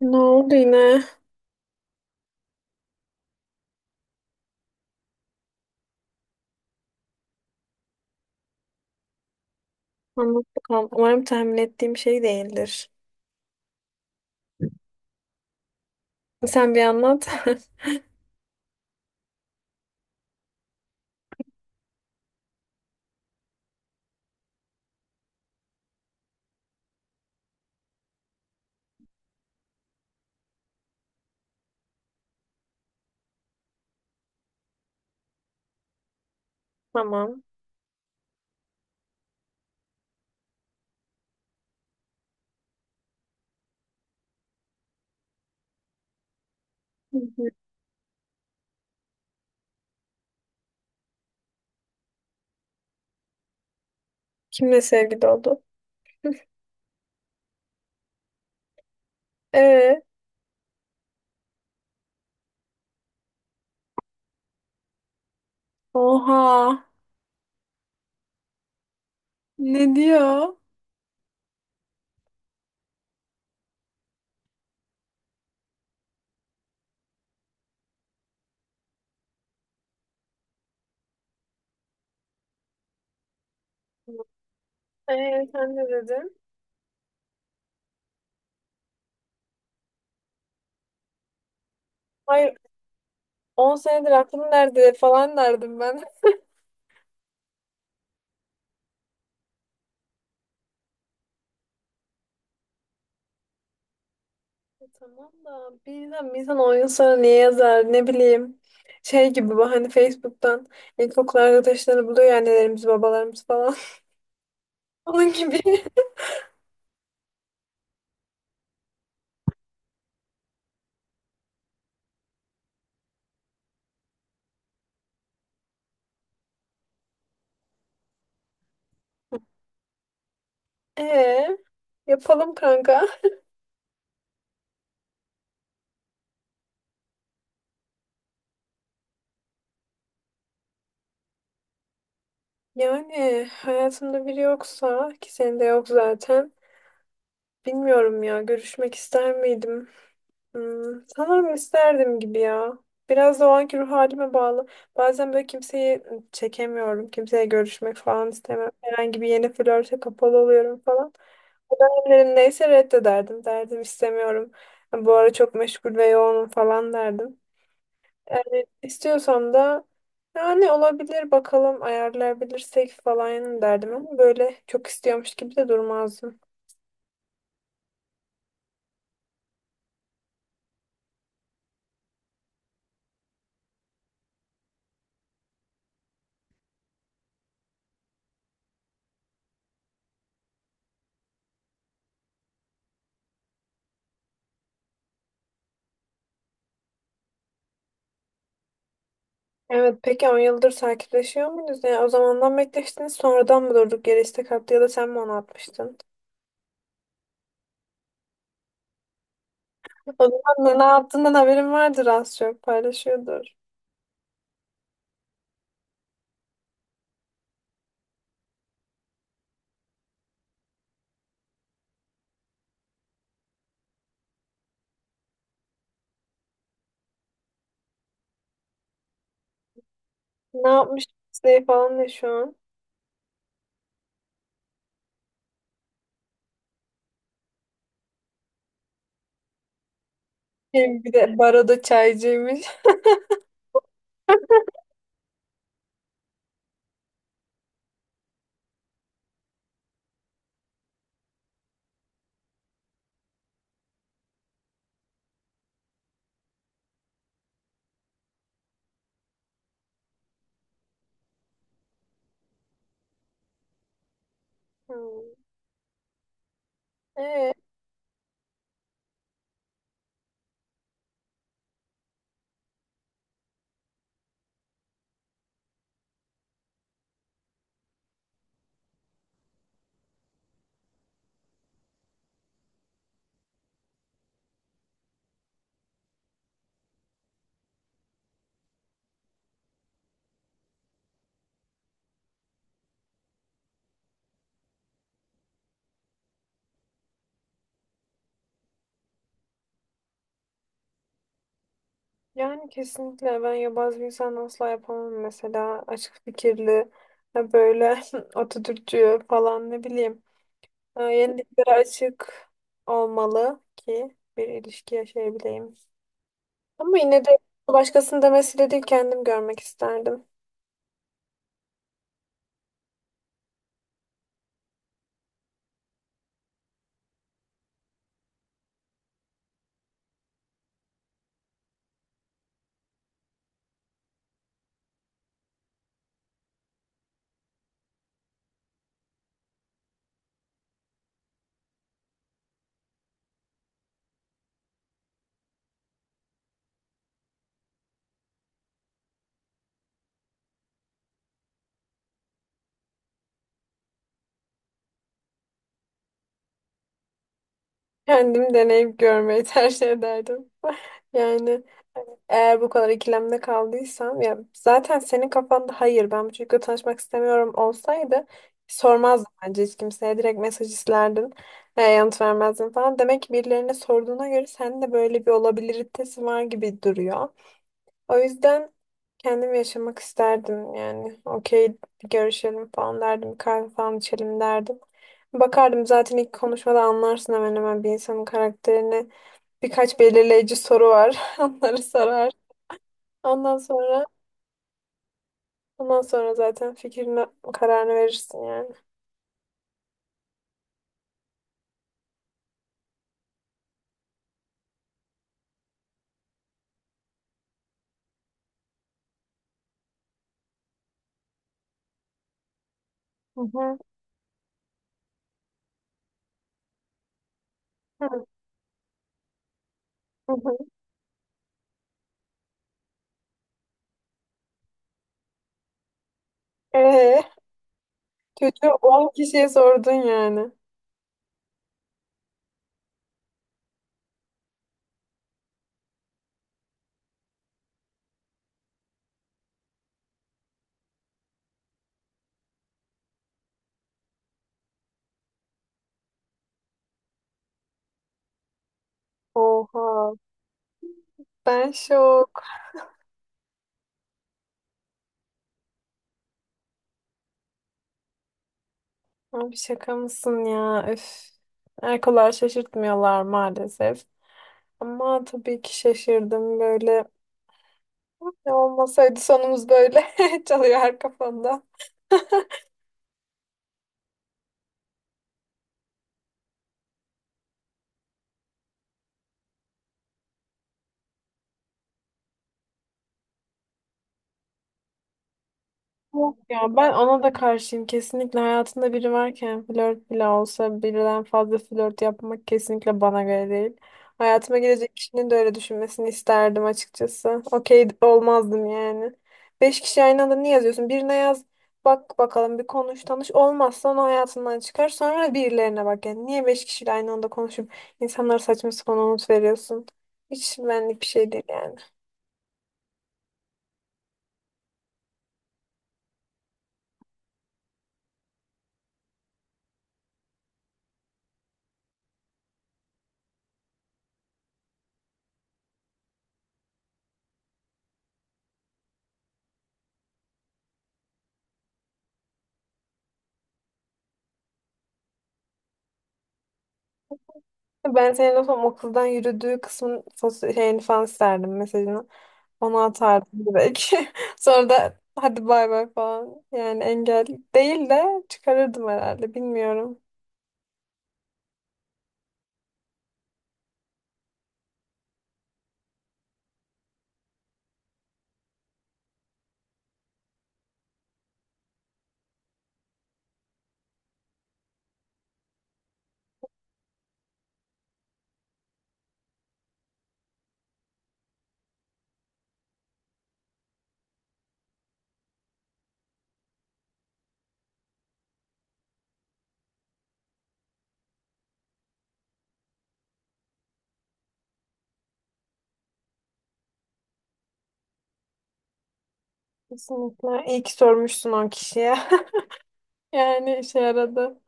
Ne oldu yine? Anlat bakalım. Umarım tahmin ettiğim şey değildir. Sen bir anlat. Tamam. Hı hı. Kimle sevgili oldu? Ee, Oha. Ne diyor? Sen ne dedin? Hayır, 10 senedir aklım nerede falan derdim ben. Tamam da bir insan 10 yıl sonra niye yazar ne bileyim. Şey gibi bu hani Facebook'tan ilkokul arkadaşlarını buluyor ya annelerimiz babalarımız falan. Onun gibi. Ee, Yapalım kanka. Yani hayatımda biri yoksa ki senin de yok zaten. Bilmiyorum ya, görüşmek ister miydim? Hmm, sanırım isterdim gibi ya. Biraz da o anki ruh halime bağlı. Bazen böyle kimseyi çekemiyorum. Kimseye görüşmek falan istemem. Herhangi bir yeni flörte kapalı oluyorum falan. O dönemlerim neyse reddederdim. Derdim istemiyorum. Bu ara çok meşgul ve yoğunum falan derdim. Yani istiyorsam da yani olabilir bakalım ayarlayabilirsek falan derdim ama böyle çok istiyormuş gibi de durmazdım. Evet, peki 10 yıldır takipleşiyor muyuz? Yani o zamandan bekleştiniz sonradan mı durduk yere istek attı ya da sen mi onu atmıştın? O zaman ne yaptığından haberin vardır, az çok paylaşıyordur. Ne yapmış ne falan ne şu an? Hem bir de baroda çaycıymış. Hmm. Ee, Yani kesinlikle ben yabancı bir insan asla yapamam, mesela açık fikirli ya böyle Atatürkçü falan ne bileyim, yeniliklere açık olmalı ki bir ilişki yaşayabileyim. Ama yine de başkasının demesiyle değil kendim görmek isterdim. Kendim deneyip görmeyi tercih ederdim. Yani hani, eğer bu kadar ikilemde kaldıysam, ya zaten senin kafanda "hayır ben bu çocukla tanışmak istemiyorum" olsaydı sormazdım bence hiç kimseye, direkt mesaj isterdin yanıt vermezdin falan. Demek ki birilerine sorduğuna göre sende de böyle bir olabiliritesi var gibi duruyor. O yüzden kendim yaşamak isterdim yani. Okey, bir görüşelim falan derdim. Bir kahve falan içelim derdim. Bakardım, zaten ilk konuşmada anlarsın hemen hemen bir insanın karakterini. Birkaç belirleyici soru var. Onları sorar. Ondan sonra ondan sonra zaten fikrini, kararını verirsin yani. Hı hı. Hı hı. Ee, Çocuğu 10 kişiye sordun yani. Oha. Ben şok. Abi şaka mısın ya? Üf. Erkolar şaşırtmıyorlar maalesef. Ama tabii ki şaşırdım böyle. Ne olmasaydı sonumuz böyle çalıyor her kafamda. Yok ya, ben ona da karşıyım. Kesinlikle hayatında biri varken flört bile olsa birden fazla flört yapmak kesinlikle bana göre değil. Hayatıma girecek kişinin de öyle düşünmesini isterdim açıkçası. Okey olmazdım yani. 5 kişi aynı anda niye yazıyorsun? Birine yaz, bak bakalım, bir konuş tanış, olmazsa onu hayatından çıkar, sonra birilerine bak yani. Niye 5 kişiyle aynı anda konuşup insanlara saçma sapan umut veriyorsun? Hiç benlik bir şey değil yani. Ben senin o son okuldan yürüdüğü kısmın şeyini falan isterdim, mesajını. Ona atardım direkt. Sonra da hadi bay bay falan. Yani engel değil de çıkarırdım herhalde. Bilmiyorum. Kesinlikle. İyi ki sormuşsun o kişiye. Yani işe yaradı.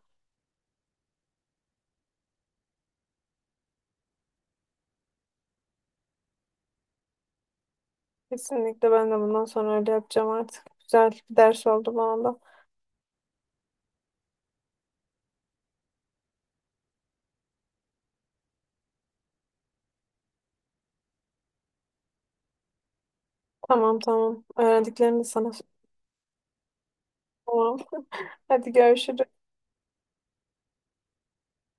Kesinlikle ben de bundan sonra öyle yapacağım artık. Güzel bir ders oldu bana da. Tamam tamam. Öğrendiklerimi de sana. Tamam. Hadi görüşürüz.